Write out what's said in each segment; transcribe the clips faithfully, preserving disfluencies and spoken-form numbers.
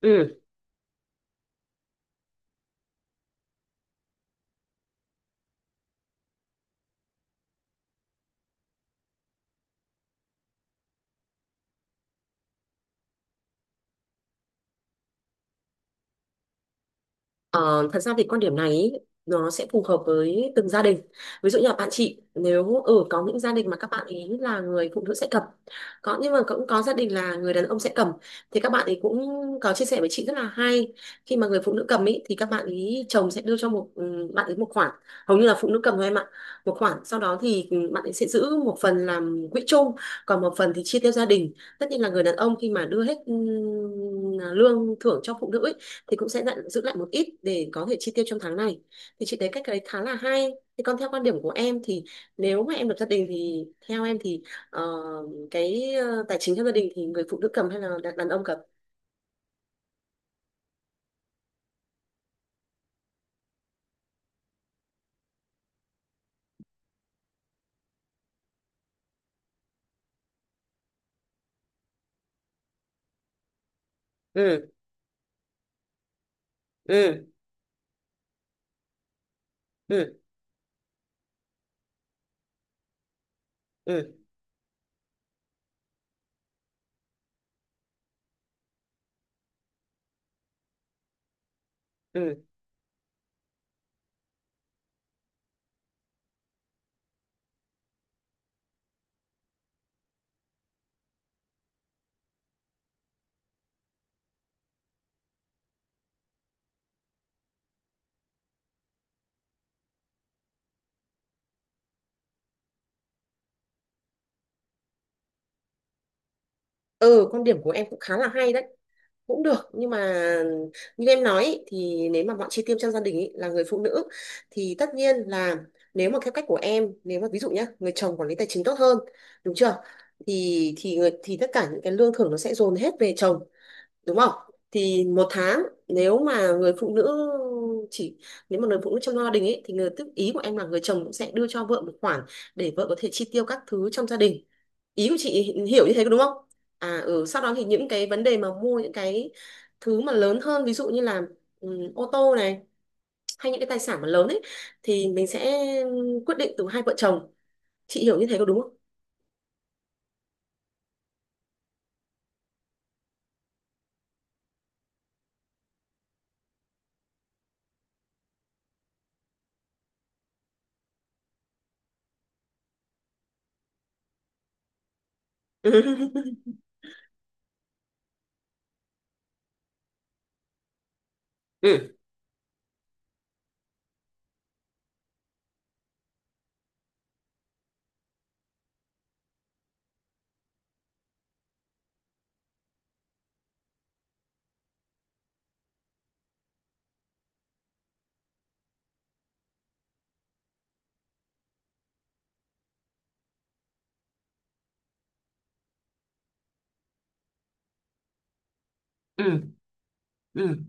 Ừ. Ờ, thật ra thì quan điểm này ý, nó sẽ phù hợp với từng gia đình. Ví dụ như là bạn chị nếu ở có những gia đình mà các bạn ý là người phụ nữ sẽ cầm. Có nhưng mà cũng có gia đình là người đàn ông sẽ cầm thì các bạn ấy cũng có chia sẻ với chị rất là hay. Khi mà người phụ nữ cầm ý thì các bạn ý chồng sẽ đưa cho một ừ, bạn ấy một khoản, hầu như là phụ nữ cầm thôi em ạ. Một khoản sau đó thì ừm, bạn ấy sẽ giữ một phần làm quỹ chung, còn một phần thì chia theo gia đình. Tất nhiên là người đàn ông khi mà đưa hết ừ, lương thưởng cho phụ nữ ý, thì cũng sẽ dặn, giữ lại một ít để có thể chi tiêu trong tháng này thì chị thấy cách đấy khá là hay. Thì còn theo quan điểm của em thì nếu mà em lập gia đình thì theo em thì ờ, cái ờ, tài chính trong gia đình thì người phụ nữ cầm hay là đàn, đàn ông cầm? Ừ. Ừ. Ừ. Ừ. Ừ. Ừ. Quan điểm của em cũng khá là hay đấy, cũng được nhưng mà như em nói ý, thì nếu mà bọn chi tiêu trong gia đình ý, là người phụ nữ thì tất nhiên là nếu mà theo cách của em, nếu mà ví dụ nhá người chồng quản lý tài chính tốt hơn đúng chưa, thì thì người thì tất cả những cái lương thưởng nó sẽ dồn hết về chồng đúng không? Thì một tháng nếu mà người phụ nữ chỉ nếu mà người phụ nữ trong gia đình ấy thì người tức ý của em là người chồng cũng sẽ đưa cho vợ một khoản để vợ có thể chi tiêu các thứ trong gia đình, ý của chị hiểu như thế có đúng không? À ừ sau đó thì những cái vấn đề mà mua những cái thứ mà lớn hơn, ví dụ như là ừ, ô tô này hay những cái tài sản mà lớn ấy thì mình sẽ quyết định từ hai vợ chồng, chị hiểu như thế có đúng không? Ừ. Ừ. Ừ.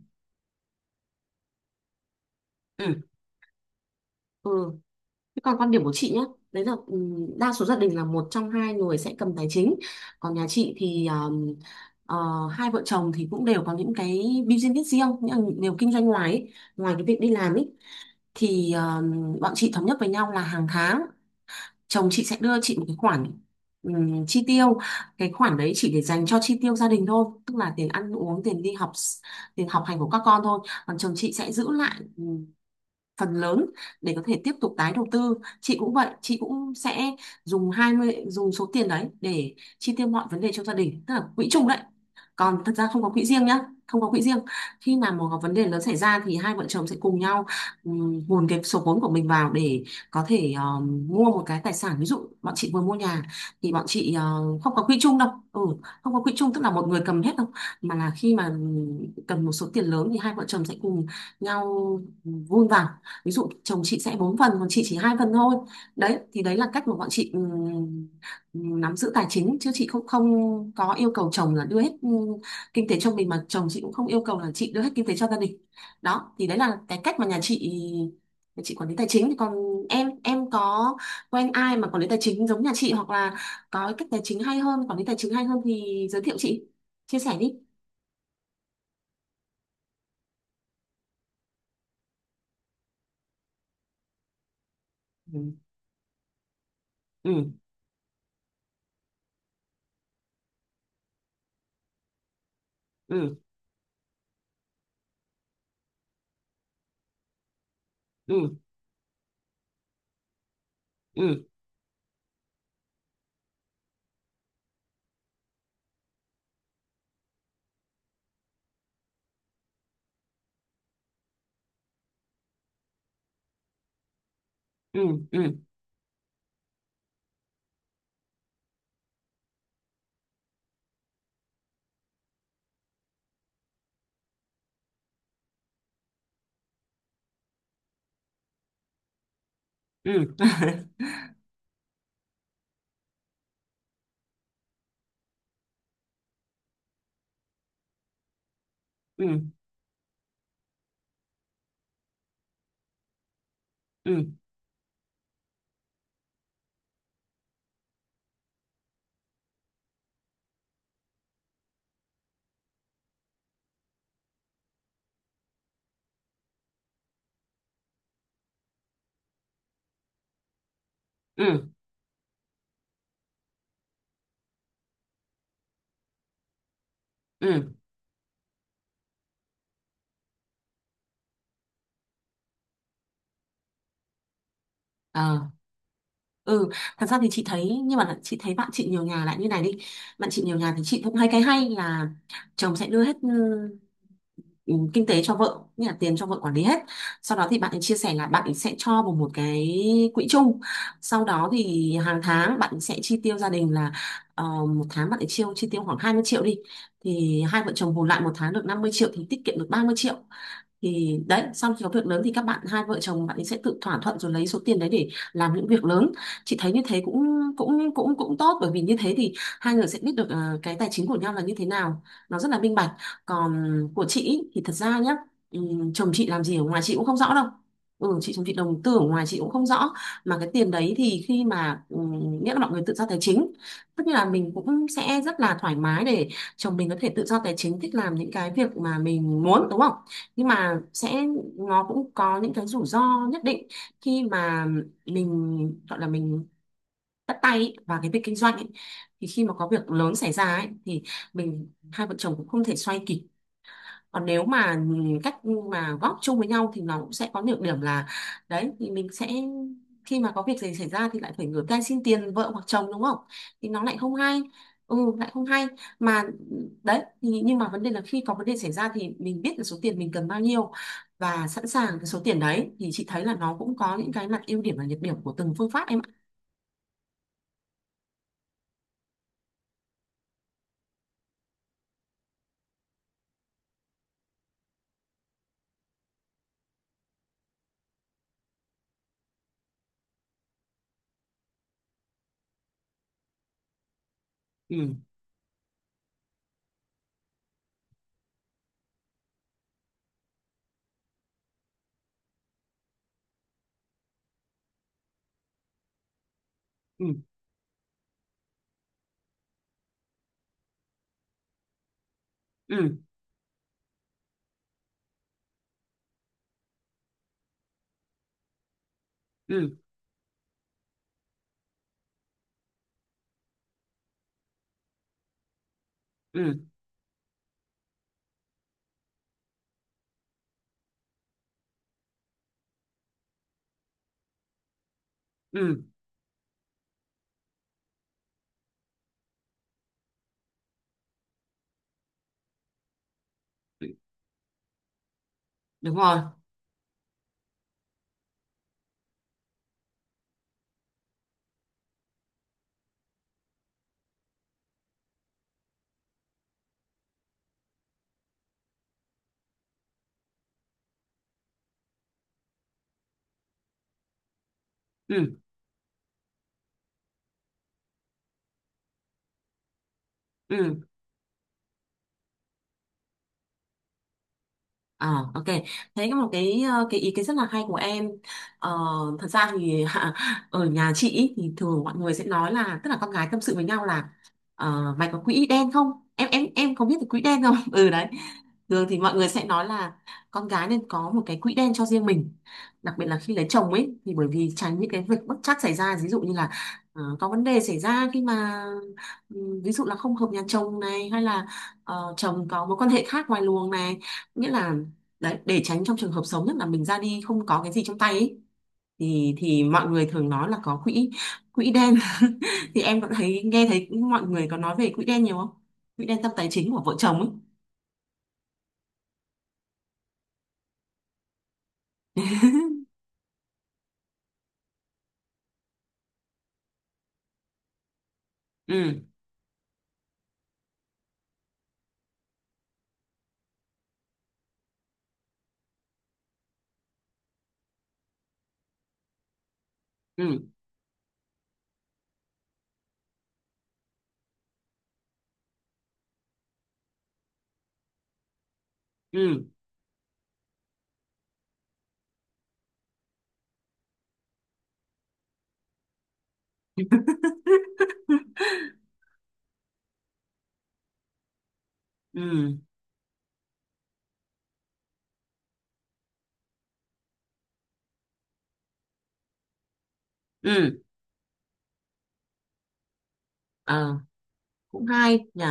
Ừ. Ừ. Thế còn quan điểm của chị nhé, đấy là ừm, đa số gia đình là một trong hai người sẽ cầm tài chính. Còn nhà chị thì ờm, ờ, hai vợ chồng thì cũng đều có những cái business riêng, những điều kinh doanh ngoài ấy. Ngoài cái việc đi làm ấy thì ờm, bọn chị thống nhất với nhau là hàng tháng chồng chị sẽ đưa chị một cái khoản ừm, chi tiêu, cái khoản đấy chỉ để dành cho chi tiêu gia đình thôi, tức là tiền ăn uống, tiền đi học, s- tiền học hành của các con thôi. Còn chồng chị sẽ giữ lại ừ, phần lớn để có thể tiếp tục tái đầu tư. Chị cũng vậy, chị cũng sẽ dùng hai mươi dùng số tiền đấy để chi tiêu mọi vấn đề trong gia đình, tức là quỹ chung đấy, còn thật ra không có quỹ riêng nhá, không có quỹ riêng. Khi mà một có vấn đề lớn xảy ra thì hai vợ chồng sẽ cùng nhau ừm, hùn cái số vốn của mình vào để có thể ờ, mua một cái tài sản, ví dụ bọn chị vừa mua nhà thì bọn chị, ờ, không có quỹ chung đâu, ừ, không có quỹ chung tức là một người cầm hết đâu, mà là khi mà ừm, cần một số tiền lớn thì hai vợ chồng sẽ cùng nhau vun vào, ví dụ chồng chị sẽ bốn phần còn chị chỉ hai phần thôi. Đấy thì đấy là cách mà bọn chị ừm, nắm giữ tài chính, chứ chị không không có yêu cầu chồng là đưa hết ừm, kinh tế cho mình mà chồng chị cũng không yêu cầu là chị đưa hết kinh tế cho gia đình. Đó thì đấy là cái cách mà nhà chị, nhà chị quản lý tài chính. Thì còn em em có quen ai mà quản lý tài chính giống nhà chị hoặc là có cái cách tài chính hay hơn, quản lý tài chính hay hơn thì giới thiệu chị, chia sẻ đi. Ừ. Ừ. Ừ. Ừ. Ừ. Ừ. Ừ. Ừ. Ừ. Ừ. Ừ. Ừ. Ừ. Ờ. Ừ. Thật ra thì chị thấy, nhưng mà chị thấy bạn chị nhiều nhà lại như này đi, bạn chị nhiều nhà thì chị cũng hay, cái hay là chồng sẽ đưa hết ừ, kinh tế cho vợ, như là tiền cho vợ quản lý hết. Sau đó thì bạn ấy chia sẻ là bạn ấy sẽ cho vào một cái quỹ chung, sau đó thì hàng tháng bạn ấy sẽ chi tiêu gia đình là ờ, một tháng bạn ấy chiêu chi tiêu khoảng hai mươi triệu đi, thì hai vợ chồng bù lại một tháng được năm mươi triệu thì tiết kiệm được ba mươi triệu. Thì đấy, xong khi có việc lớn thì các bạn, hai vợ chồng bạn ấy sẽ tự thỏa thuận rồi lấy số tiền đấy để làm những việc lớn. Chị thấy như thế cũng cũng cũng cũng tốt bởi vì như thế thì hai người sẽ biết được ờ, cái tài chính của nhau là như thế nào, nó rất là minh bạch. Còn của chị ý, thì thật ra nhá, ừm, chồng chị làm gì ở ngoài chị cũng không rõ đâu. Ừ chị Chồng chị đầu tư ở ngoài chị cũng không rõ, mà cái tiền đấy thì khi mà ừm, nghĩa là mọi người tự do tài chính, tức là mình cũng sẽ rất là thoải mái để chồng mình có thể tự do tài chính, thích làm những cái việc mà mình muốn đúng không? Nhưng mà sẽ, nó cũng có những cái rủi ro nhất định khi mà mình gọi là mình bắt tay ý, vào cái việc kinh doanh ấy. Thì khi mà có việc lớn xảy ra ấy, thì mình, hai vợ chồng cũng không thể xoay kịp. Còn nếu mà cách mà góp chung với nhau thì nó cũng sẽ có nhược điểm là đấy, thì mình sẽ, khi mà có việc gì xảy ra thì lại phải ngửa tay xin tiền vợ hoặc chồng đúng không, thì nó lại không hay, ừ lại không hay. Mà đấy, thì nhưng mà vấn đề là khi có vấn đề xảy ra thì mình biết là số tiền mình cần bao nhiêu và sẵn sàng cái số tiền đấy, thì chị thấy là nó cũng có những cái mặt ưu điểm và nhược điểm của từng phương pháp em ạ. Ừ. Ừ. Ừ. Ừ. Ừ. Ừ. Ừ. Đúng rồi. Ừ. Ừ. À, ok. Thế có một cái ờ, cái ý kiến rất là hay của em. Ờ, thật ra thì ở nhà chị ý, thì thường mọi người sẽ nói là, tức là con gái tâm sự với nhau là ờ, mày có quỹ đen không? Em em em có biết cái quỹ đen không? Ừ đấy. Thường thì mọi người sẽ nói là con gái nên có một cái quỹ đen cho riêng mình. Đặc biệt là khi lấy chồng ấy, thì bởi vì tránh những cái việc bất trắc xảy ra, ví dụ như là ờ, có vấn đề xảy ra khi mà ừ, ví dụ là không hợp nhà chồng này hay là ờ, chồng có mối quan hệ khác ngoài luồng này, nghĩa là đấy, để tránh trong trường hợp xấu nhất là mình ra đi không có cái gì trong tay ấy, thì thì mọi người thường nói là có quỹ, quỹ đen. Thì em có thấy, nghe thấy mọi người có nói về quỹ đen nhiều không? Quỹ đen tâm tài chính của vợ chồng ấy. Ừ. Ừ. Ừ. Ừ. Ừ. Ừ. Ờ. Cũng hay nhỉ.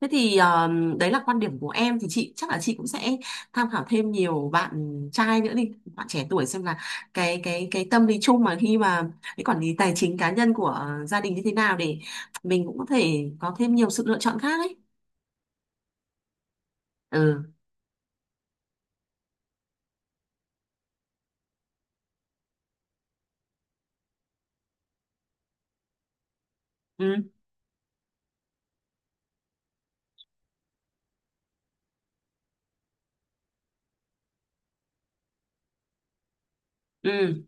Thế thì um, đấy là quan điểm của em thì chị chắc là chị cũng sẽ tham khảo thêm nhiều bạn trai nữa đi, bạn trẻ tuổi, xem là cái cái cái tâm lý chung mà khi mà cái quản lý tài chính cá nhân của ờ, gia đình như thế nào để mình cũng có thể có thêm nhiều sự lựa chọn khác ấy. Ừ. Ừ. Ừ.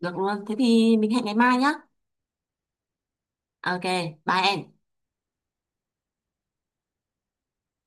Được luôn, thế thì mình hẹn ngày mai nhá. Ok, bye em.